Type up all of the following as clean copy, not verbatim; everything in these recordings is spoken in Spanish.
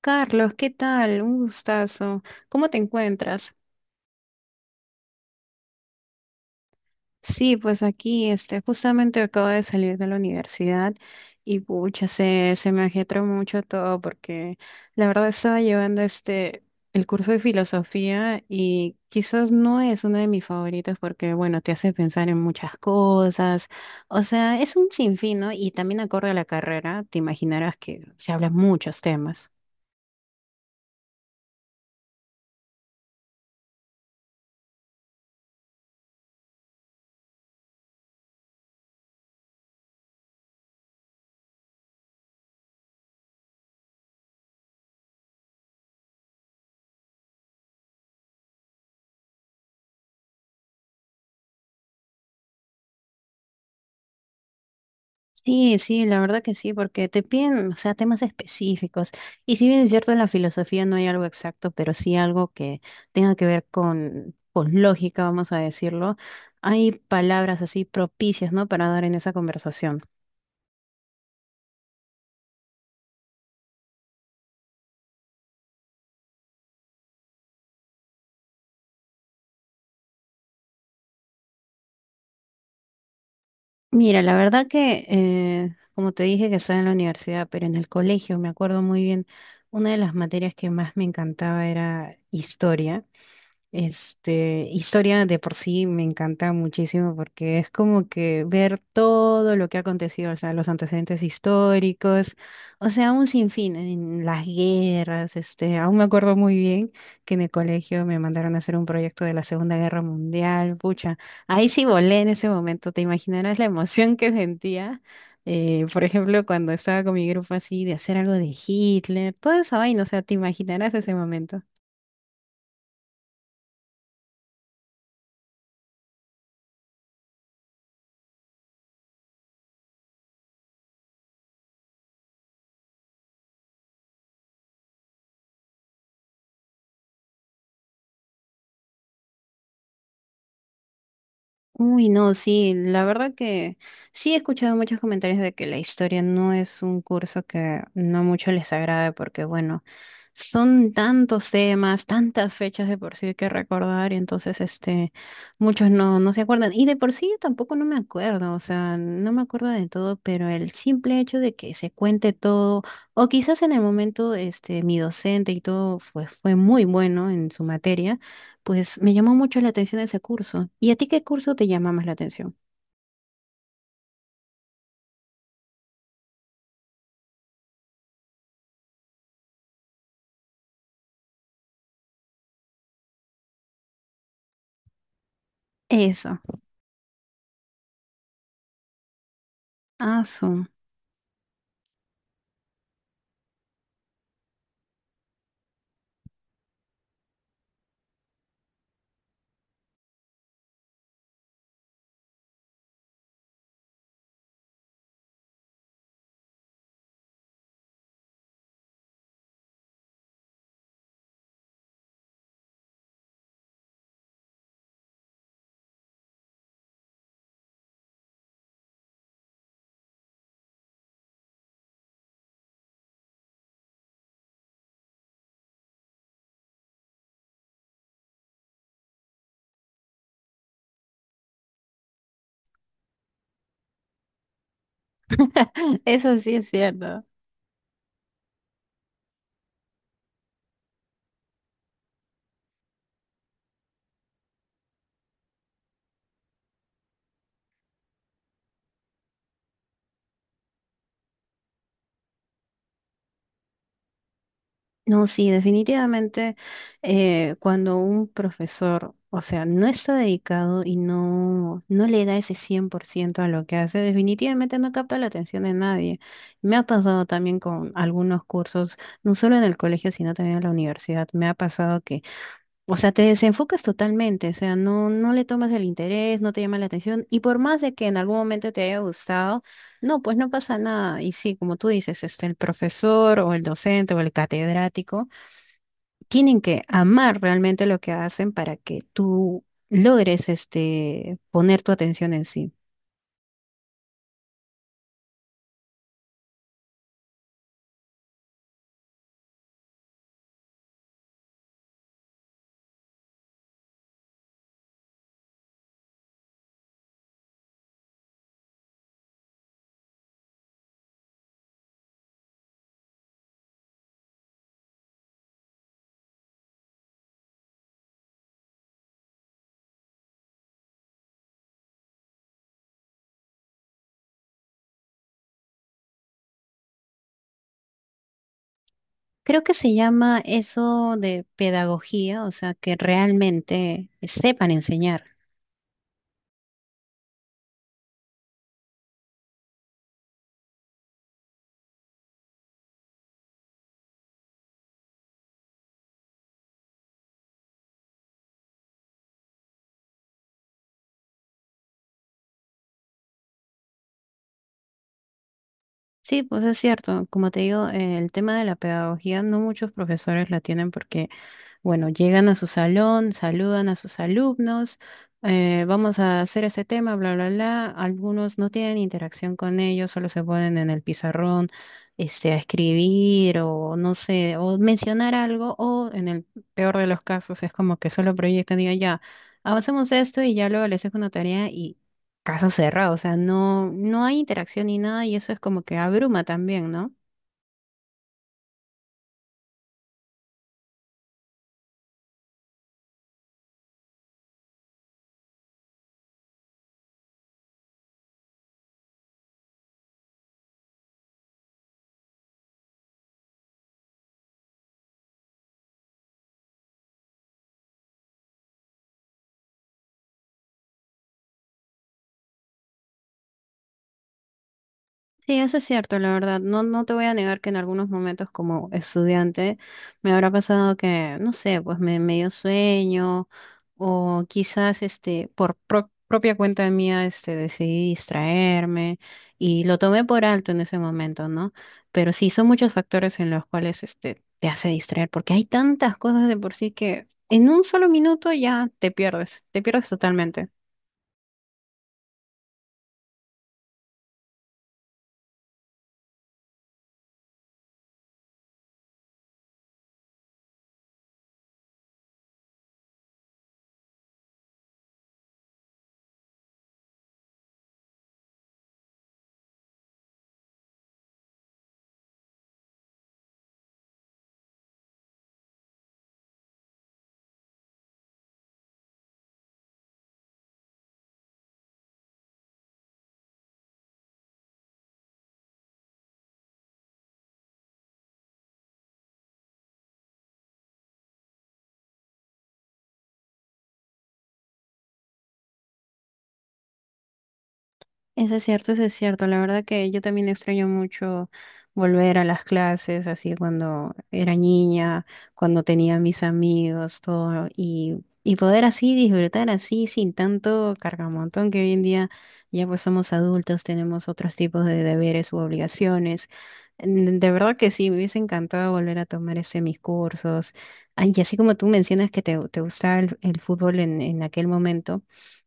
Carlos, ¿qué tal? Un gustazo. ¿Cómo te encuentras? Sí, pues aquí, justamente acabo de salir de la universidad y pucha, se me ajetreó mucho todo porque la verdad estaba llevando el curso de filosofía y quizás no es uno de mis favoritos porque, bueno, te hace pensar en muchas cosas. O sea, es un sinfín, ¿no? Y también acorde a la carrera, te imaginarás que se hablan muchos temas. Sí, sí, la verdad que sí, porque te piden, o sea, temas específicos. Y si bien es cierto, en la filosofía no hay algo exacto, pero sí algo que tenga que ver con lógica, vamos a decirlo. Hay palabras así propicias, ¿no? Para dar en esa conversación. Mira, la verdad que, como te dije, que estaba en la universidad, pero en el colegio me acuerdo muy bien, una de las materias que más me encantaba era historia. Historia de por sí me encanta muchísimo porque es como que ver todo lo que ha acontecido, o sea, los antecedentes históricos, o sea, un sinfín en las guerras, aún me acuerdo muy bien que en el colegio me mandaron a hacer un proyecto de la Segunda Guerra Mundial, pucha, ahí sí volé en ese momento, te imaginarás la emoción que sentía. Por ejemplo, cuando estaba con mi grupo así de hacer algo de Hitler, toda esa vaina, o sea, te imaginarás ese momento. Uy, no, sí, la verdad que sí he escuchado muchos comentarios de que la historia no es un curso que no mucho les agrade porque, bueno, son tantos temas, tantas fechas de por sí que recordar y entonces, muchos no, no se acuerdan. Y de por sí yo tampoco no me acuerdo, o sea, no me acuerdo de todo, pero el simple hecho de que se cuente todo, o quizás en el momento, mi docente y todo fue muy bueno en su materia. Pues me llamó mucho la atención ese curso. ¿Y a ti qué curso te llama más la atención? Eso. Ah, su. Eso sí es cierto. No, sí, definitivamente cuando un profesor, o sea, no está dedicado y no, no le da ese 100% a lo que hace, definitivamente no capta la atención de nadie. Me ha pasado también con algunos cursos, no solo en el colegio, sino también en la universidad. Me ha pasado. O sea, te desenfocas totalmente, o sea, no, no le tomas el interés, no te llama la atención, y por más de que en algún momento te haya gustado, no, pues no pasa nada. Y sí, como tú dices, el profesor o el docente o el catedrático tienen que amar realmente lo que hacen para que tú logres, poner tu atención en sí. Creo que se llama eso de pedagogía, o sea, que realmente sepan enseñar. Sí, pues es cierto. Como te digo, el tema de la pedagogía no muchos profesores la tienen porque bueno, llegan a su salón, saludan a sus alumnos, vamos a hacer este tema, bla, bla, bla. Algunos no tienen interacción con ellos, solo se ponen en el pizarrón, a escribir o no sé, o mencionar algo, o en el peor de los casos es como que solo proyectan, digan ya, avancemos esto y ya luego les dejo una tarea y caso cerrado, o sea, no, no hay interacción ni nada y eso es como que abruma también, ¿no? Sí, eso es cierto, la verdad. No, no te voy a negar que en algunos momentos como estudiante me habrá pasado que, no sé, pues me dio sueño o quizás por propia cuenta mía, decidí distraerme y lo tomé por alto en ese momento, ¿no? Pero sí, son muchos factores en los cuales te hace distraer porque hay tantas cosas de por sí que en un solo minuto ya te pierdes totalmente. Eso es cierto, eso es cierto. La verdad que yo también extraño mucho volver a las clases, así cuando era niña, cuando tenía mis amigos, todo, y poder así disfrutar así sin tanto cargamontón que hoy en día ya pues somos adultos, tenemos otros tipos de deberes u obligaciones. Mm, de verdad que sí, me hubiese encantado volver a tomar ese mis cursos. Ah, y así como tú mencionas que te gustaba el fútbol en aquel momento.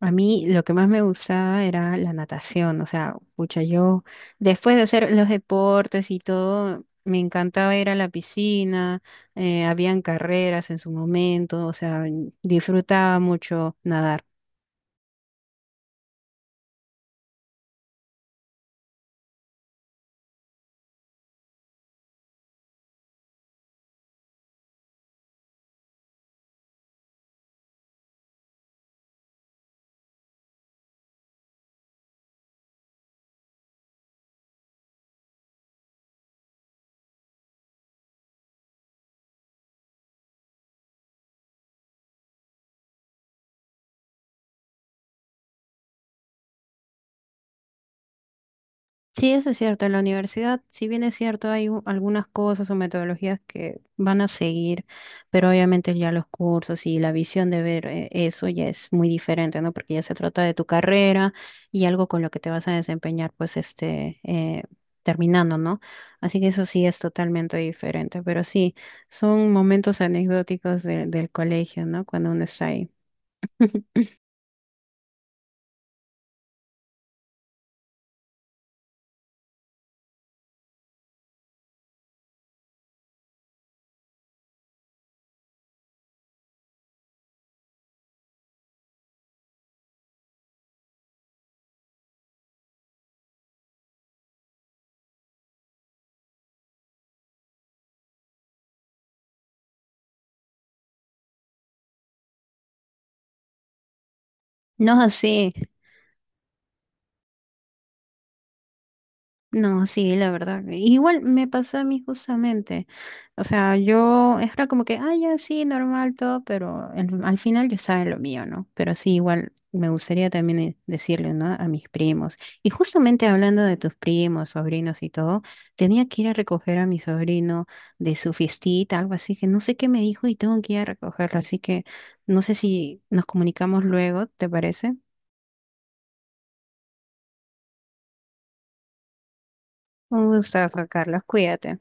A mí lo que más me gustaba era la natación, o sea, pucha, yo después de hacer los deportes y todo, me encantaba ir a la piscina, habían carreras en su momento, o sea, disfrutaba mucho nadar. Sí, eso es cierto. En la universidad, si bien es cierto, hay algunas cosas o metodologías que van a seguir, pero obviamente ya los cursos y la visión de ver eso ya es muy diferente, ¿no? Porque ya se trata de tu carrera y algo con lo que te vas a desempeñar, pues, terminando, ¿no? Así que eso sí es totalmente diferente, pero sí, son momentos anecdóticos del colegio, ¿no? Cuando uno está ahí. No es así. No, sí, la verdad. Igual me pasó a mí justamente. O sea, yo era como que, ah, ya sí, normal todo, pero al final yo estaba en lo mío, ¿no? Pero sí, igual me gustaría también decirle, ¿no? A mis primos. Y justamente hablando de tus primos, sobrinos y todo, tenía que ir a recoger a mi sobrino de su fiestita, algo así, que no sé qué me dijo y tengo que ir a recogerlo. Así que no sé si nos comunicamos luego, ¿te parece? Un gustazo, Carlos. Cuídate.